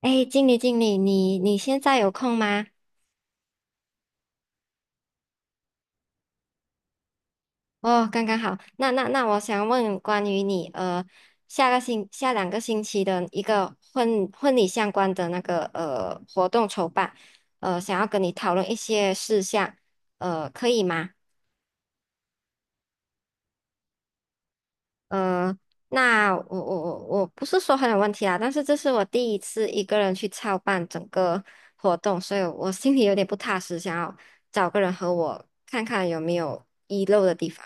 哎，经理，经理，你现在有空吗？哦，刚刚好。那，我想问关于你,下个两个星期的一个婚礼相关的那个活动筹办，想要跟你讨论一些事项，可以吗？呃，那我不是说很有问题啦，但是这是我第一次一个人去操办整个活动，所以我心里有点不踏实，想要找个人和我看看有没有遗漏的地方。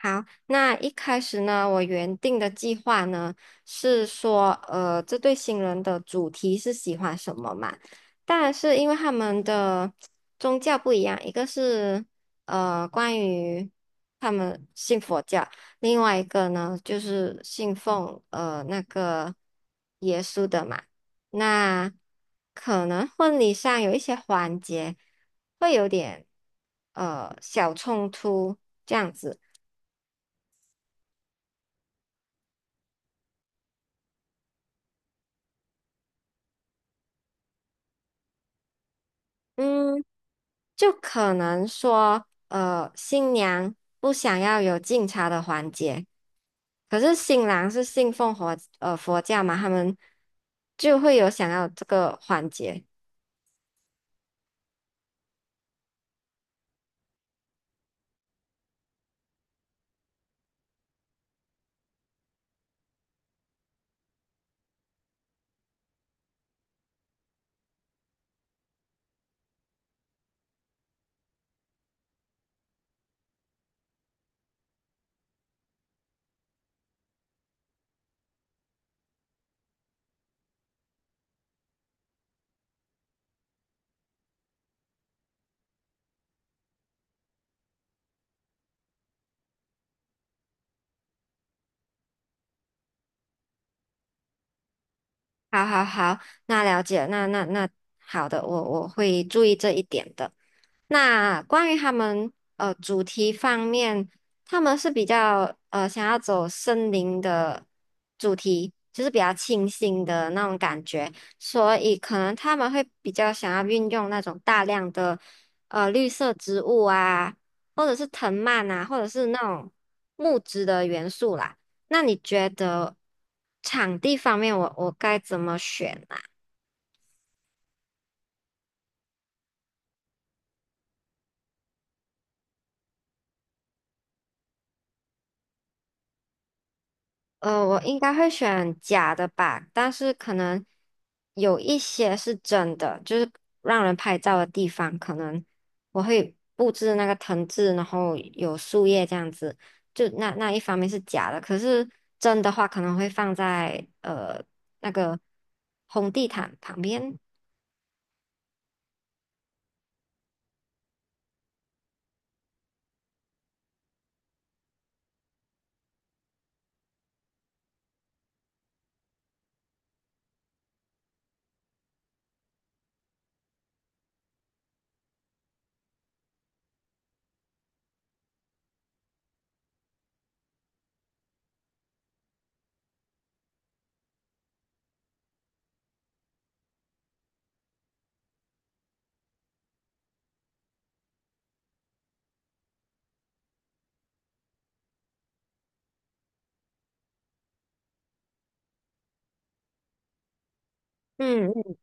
好，那一开始呢，我原定的计划呢是说，这对新人的主题是喜欢什么嘛？但是因为他们的宗教不一样，一个是关于他们信佛教，另外一个呢就是信奉那个耶稣的嘛。那可能婚礼上有一些环节会有点小冲突这样子。嗯，就可能说，新娘不想要有敬茶的环节，可是新郎是信奉佛教嘛，他们就会有想要这个环节。好好好，那了解，那好的，我会注意这一点的。那关于他们主题方面，他们是比较想要走森林的主题，就是比较清新的那种感觉，所以可能他们会比较想要运用那种大量的绿色植物啊，或者是藤蔓啊，或者是那种木质的元素啦。那你觉得场地方面我，我该怎么选啊？呃，我应该会选假的吧，但是可能有一些是真的，就是让人拍照的地方，可能我会布置那个藤制，然后有树叶这样子，就那一方面是假的，可是真的话可能会放在那个红地毯旁边。嗯，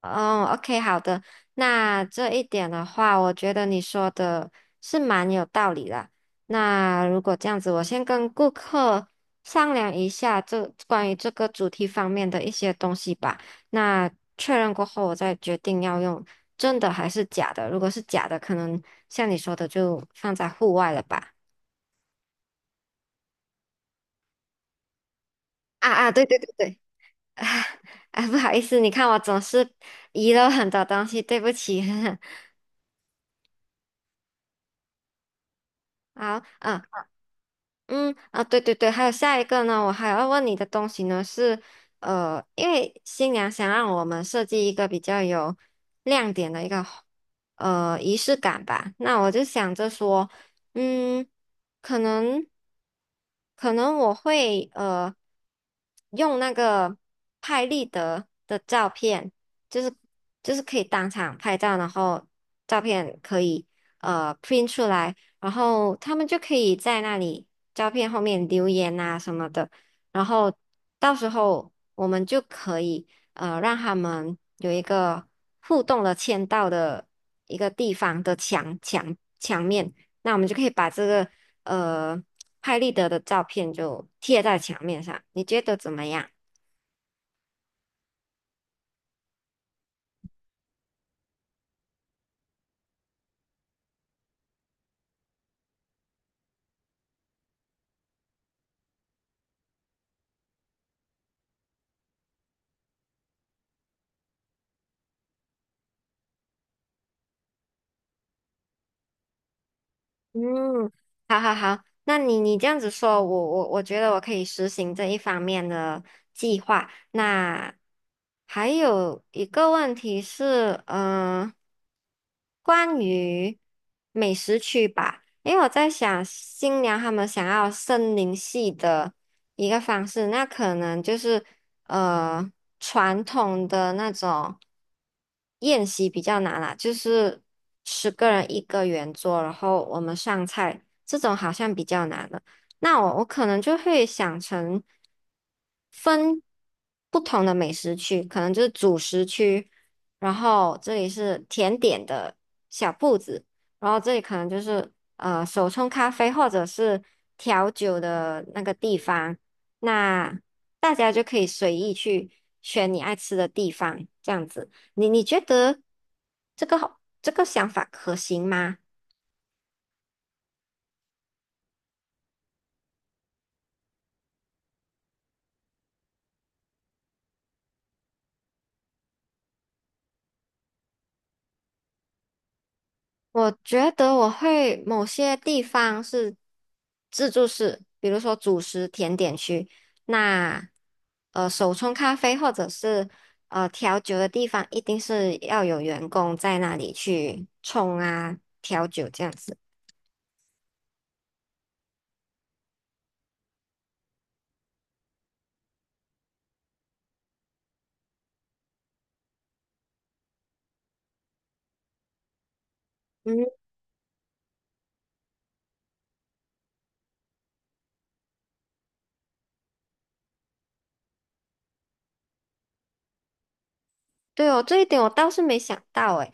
哦，OK，好的。那这一点的话，我觉得你说的是蛮有道理的。那如果这样子，我先跟顾客商量一下这关于这个主题方面的一些东西吧。那确认过后，我再决定要用真的还是假的。如果是假的，可能像你说的，就放在户外了吧。啊啊，对对对对，啊啊，不好意思，你看我总是遗漏很多东西，对不起。好，嗯，嗯啊，对对对，还有下一个呢，我还要问你的东西呢是，因为新娘想让我们设计一个比较有亮点的一个仪式感吧，那我就想着说，嗯，可能可能我会用那个拍立得的照片，就是就是可以当场拍照，然后照片可以print 出来，然后他们就可以在那里。照片后面留言啊什么的，然后到时候我们就可以让他们有一个互动的签到的一个地方的墙面，那我们就可以把这个呃拍立得的照片就贴在墙面上，你觉得怎么样？嗯，好好好，那你你这样子说，我觉得我可以实行这一方面的计划。那还有一个问题是，嗯、关于美食区吧，因为我在想新娘她们想要森林系的一个方式，那可能就是呃传统的那种。宴席比较难啦，就是10个人一个圆桌，然后我们上菜，这种好像比较难了。那我可能就会想成分不同的美食区，可能就是主食区，然后这里是甜点的小铺子，然后这里可能就是手冲咖啡或者是调酒的那个地方，那大家就可以随意去选你爱吃的地方，这样子。你你觉得这个想法可行吗？我觉得我会某些地方是自助式，比如说主食甜点区，那手冲咖啡或者是调酒的地方，一定是要有员工在那里去冲啊调酒这样子。嗯。对哦，这一点我倒是没想到诶。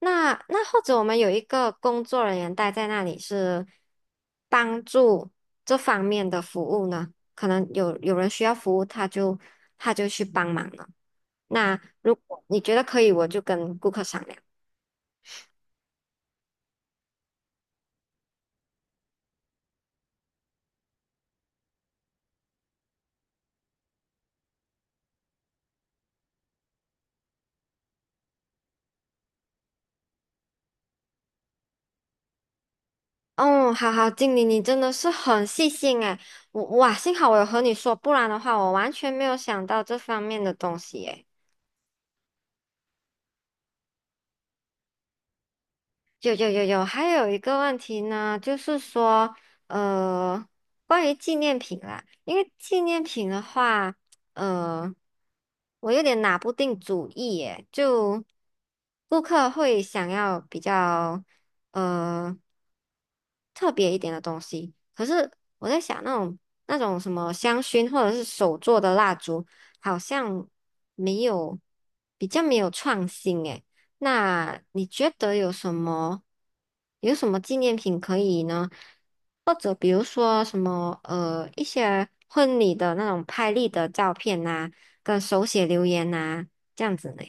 那那或者我们有一个工作人员待在那里是帮助这方面的服务呢？可能有人需要服务，他就去帮忙了。那如果你觉得可以，我就跟顾客商量。哦，好好，经理，你真的是很细心诶。我哇，幸好我有和你说，不然的话，我完全没有想到这方面的东西诶。有有有有，还有一个问题呢，就是说，呃，关于纪念品啦，因为纪念品的话，呃，我有点拿不定主意耶，就顾客会想要比较，呃。特别一点的东西。可是我在想，那种什么香薰或者是手做的蜡烛，好像没有比较没有创新诶。那你觉得有什么纪念品可以呢？或者比如说什么一些婚礼的那种拍立的照片呐、跟手写留言呐、这样子呢？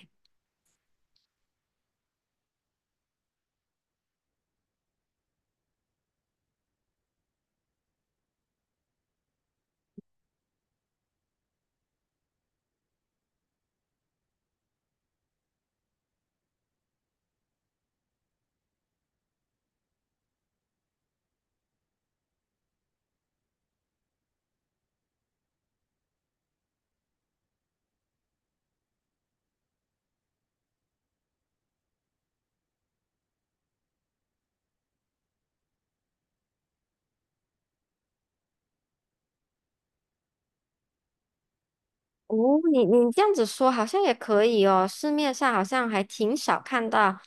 哦，你你这样子说好像也可以哦，市面上好像还挺少看到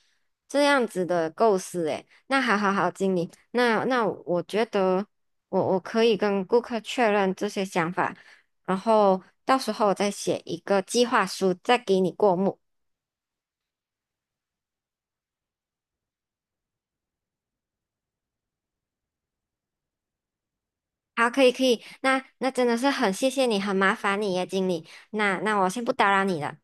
这样子的构思诶。那好好好，经理，那那我觉得我可以跟顾客确认这些想法，然后到时候我再写一个计划书，再给你过目。好，可以可以，那那真的是很谢谢你，很麻烦你耶，经理。那那我先不打扰你了。